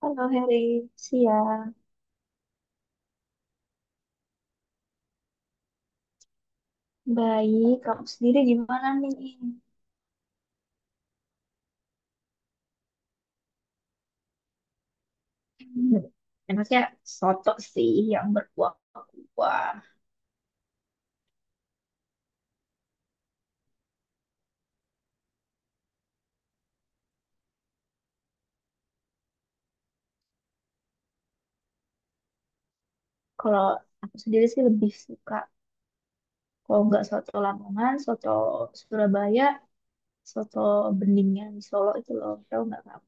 Halo Heri, siang. Baik, kamu sendiri gimana nih? Hmm, Enaknya soto sih yang berkuah-kuah. Kalau aku sendiri sih lebih suka, kalau nggak soto Lamongan, soto Surabaya, soto Beningan di Solo itu loh, tahu nggak kamu?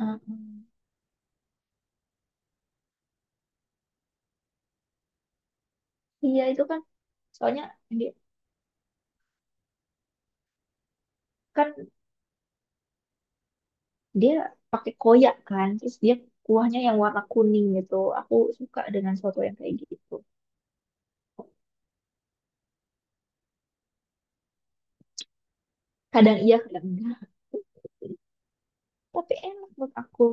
Mm-mm. Iya itu kan, soalnya dia kan dia pakai koyak kan, terus dia kuahnya yang warna kuning gitu. Aku suka dengan soto yang kayak gitu. Kadang iya, kadang enggak. Tapi enak menurut aku.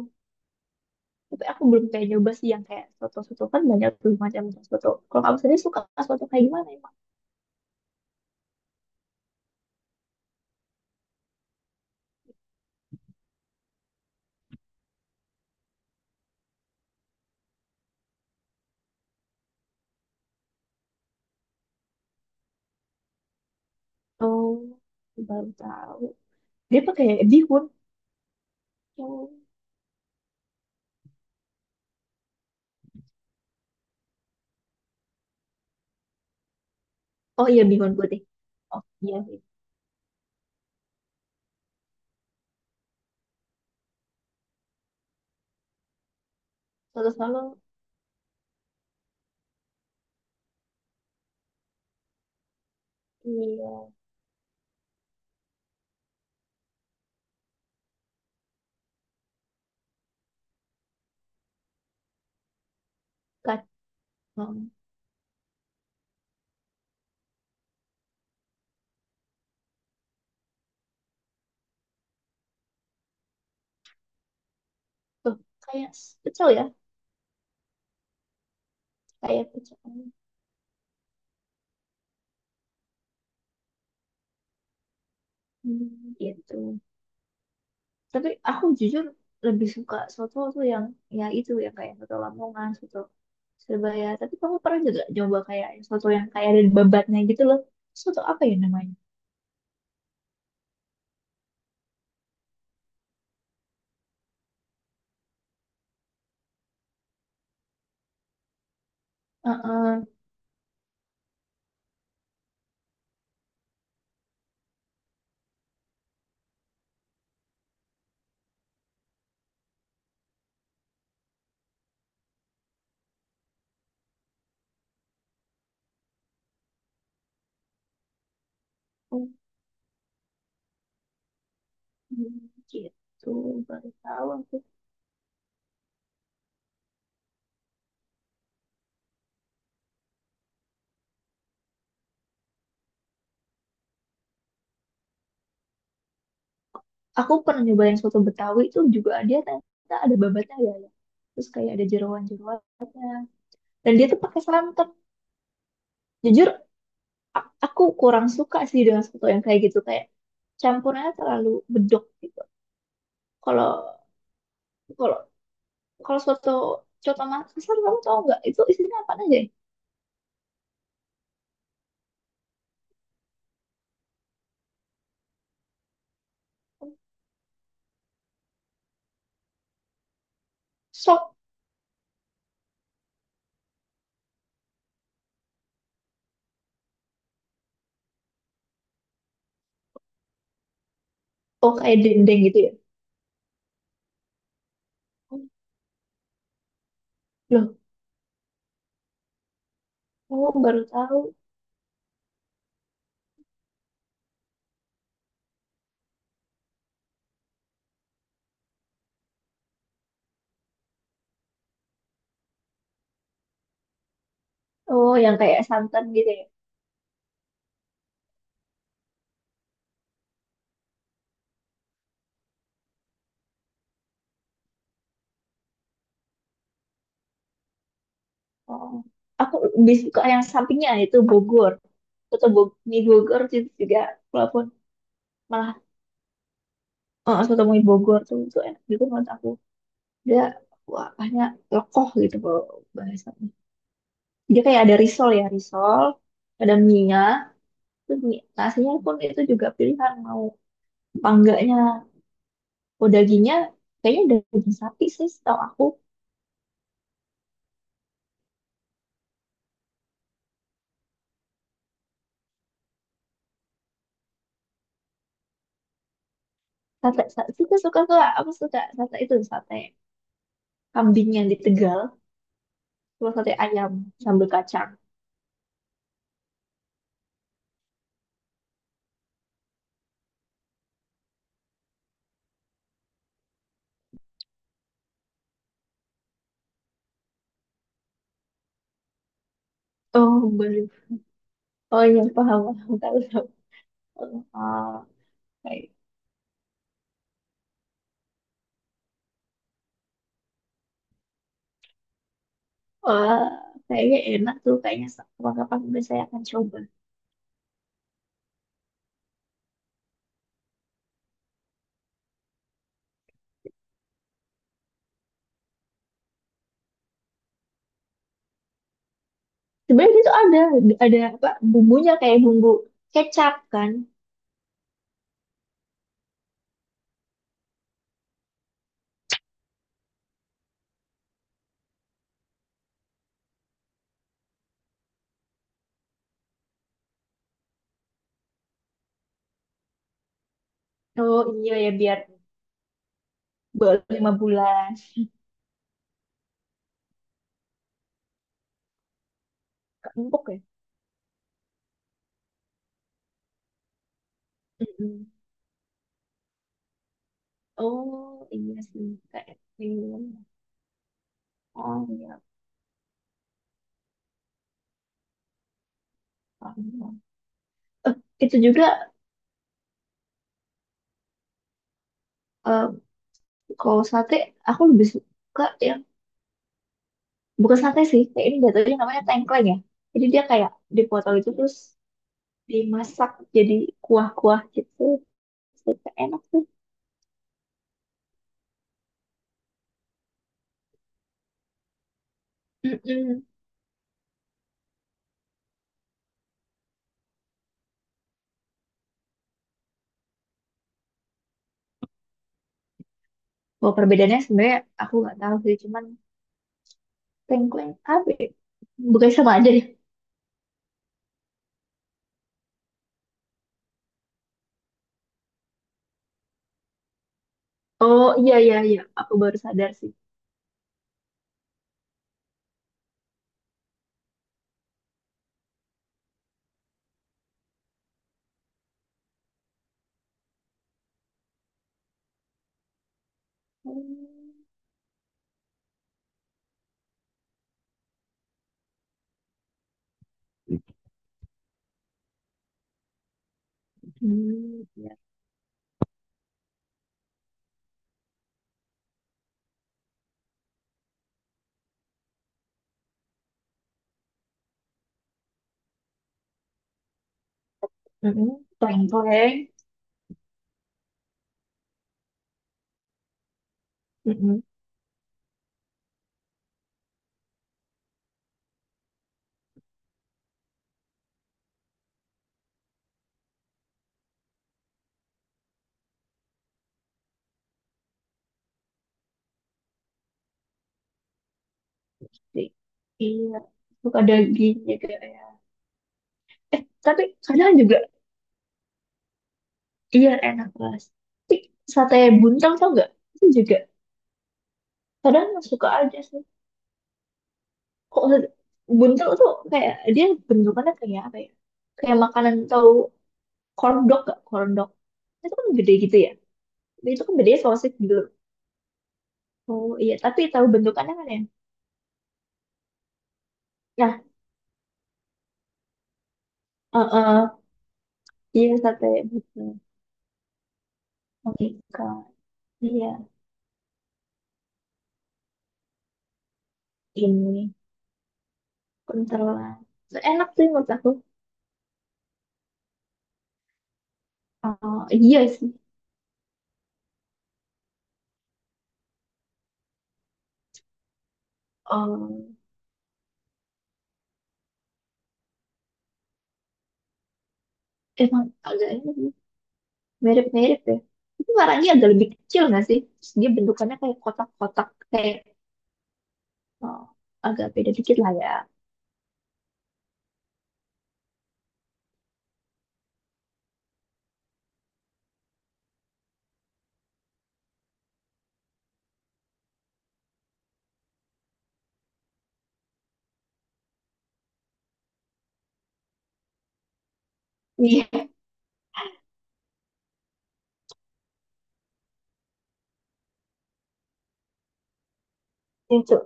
Tapi aku belum kayak nyoba sih yang kayak soto-soto kan banyak tuh macam soto. Kalau kamu sendiri suka soto kayak gimana emang? Oh, baru tahu dia pakai bihun yang oh iya bihun putih, oh iya sih soto solo, iya kacang tuh kayak pecel ya, kayak pecel. Hmm, gitu. Tapi aku jujur lebih suka soto tuh yang ya itu yang kayak soto Lamongan, soto Sebaya. Tapi kamu pernah juga coba kayak soto yang kayak ada babatnya gitu loh. Soto apa ya namanya? Heeh. Oh, gitu. Baru tahu aku. Aku pernah nyoba yang soto Betawi itu juga dia ternyata ada babatnya ya. Ya. Terus kayak ada jeroan-jeroan. Dan dia tuh pakai santan. Jujur, aku kurang suka sih dengan soto yang kayak gitu. Kayak campurnya terlalu bedok gitu. Kalau kalau kalau soto coto Makassar kamu tahu nggak itu isinya apa aja? Ya? Sop, oh kayak dendeng gitu ya. Loh, oh baru tahu. Oh, yang kayak santan gitu ya. Oh, aku lebih suka yang sampingnya itu Bogor. Soto Bog mie Bogor itu juga walaupun malah soto mie Bogor tuh itu enak gitu menurut aku. Dia wah, banyak lekoh gitu kalau bahasanya. Dia kayak ada risol ya, risol, ada mie-nya, terus mie nasinya pun itu juga pilihan mau apa enggaknya. Oh, dagingnya kayaknya daging sapi sih setahu aku. Sate, sate, suka, suka, suka. Aku suka sate itu, sate kambing yang di Tegal, cuma sate ayam sambal kacang. Oh baru, oh iya paham paham tahu tahu. Ah, kayak wah kayaknya enak tuh, kayaknya kapan-kapan mungkin saya akan coba. Sebenarnya itu ada apa bumbunya kayak bumbu kecap kan. Oh iya ya biar baru lima bulan. Gak empuk ya? Mm-mm. Oh iya sih kayak minum, oh iya paham. Paham. Eh, itu juga eh, kalau sate aku lebih suka yang bukan sate sih, kayak ini jatuhnya namanya tengkleng ya. Jadi dia kayak dipotong itu terus dimasak jadi kuah-kuah gitu, super enak tuh. Mm. Bahwa perbedaannya sebenarnya aku nggak tahu sih, cuman tengkleng apa ya? Bukan sama aja ya? Oh iya iya iya aku baru sadar sih. Hmm. Iya. Mm-mm. Tengkleng. Mm-mm. I- iya suka dagingnya kayak eh tapi kadang juga iya enak banget. Tapi sate buntel tau nggak, itu juga kadang suka aja sih kok. Buntel tuh kayak dia bentukannya kayak apa ya, kayak makanan tahu corn dog gak corn dog, itu kan gede gitu ya. Itu kan bedanya sausage gitu. Oh iya tapi tahu bentukannya kan ya. Nah, eh, eh, iya sate betul, oke Kak. Iya ini buntelan, enak sih menurut aku. Oh, iya sih. Oh, emang agak ini sih, mirip-mirip ya. Itu warnanya agak lebih kecil nggak sih? Terus dia bentukannya kayak kotak-kotak, kayak, oh, agak beda dikit lah ya. Iya, itu.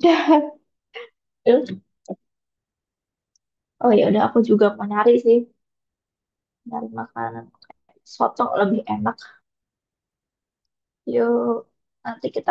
Udah. Terus, oh ya udah aku juga mau nyari sih, nyari makanan soto lebih enak. Yuk, nanti kita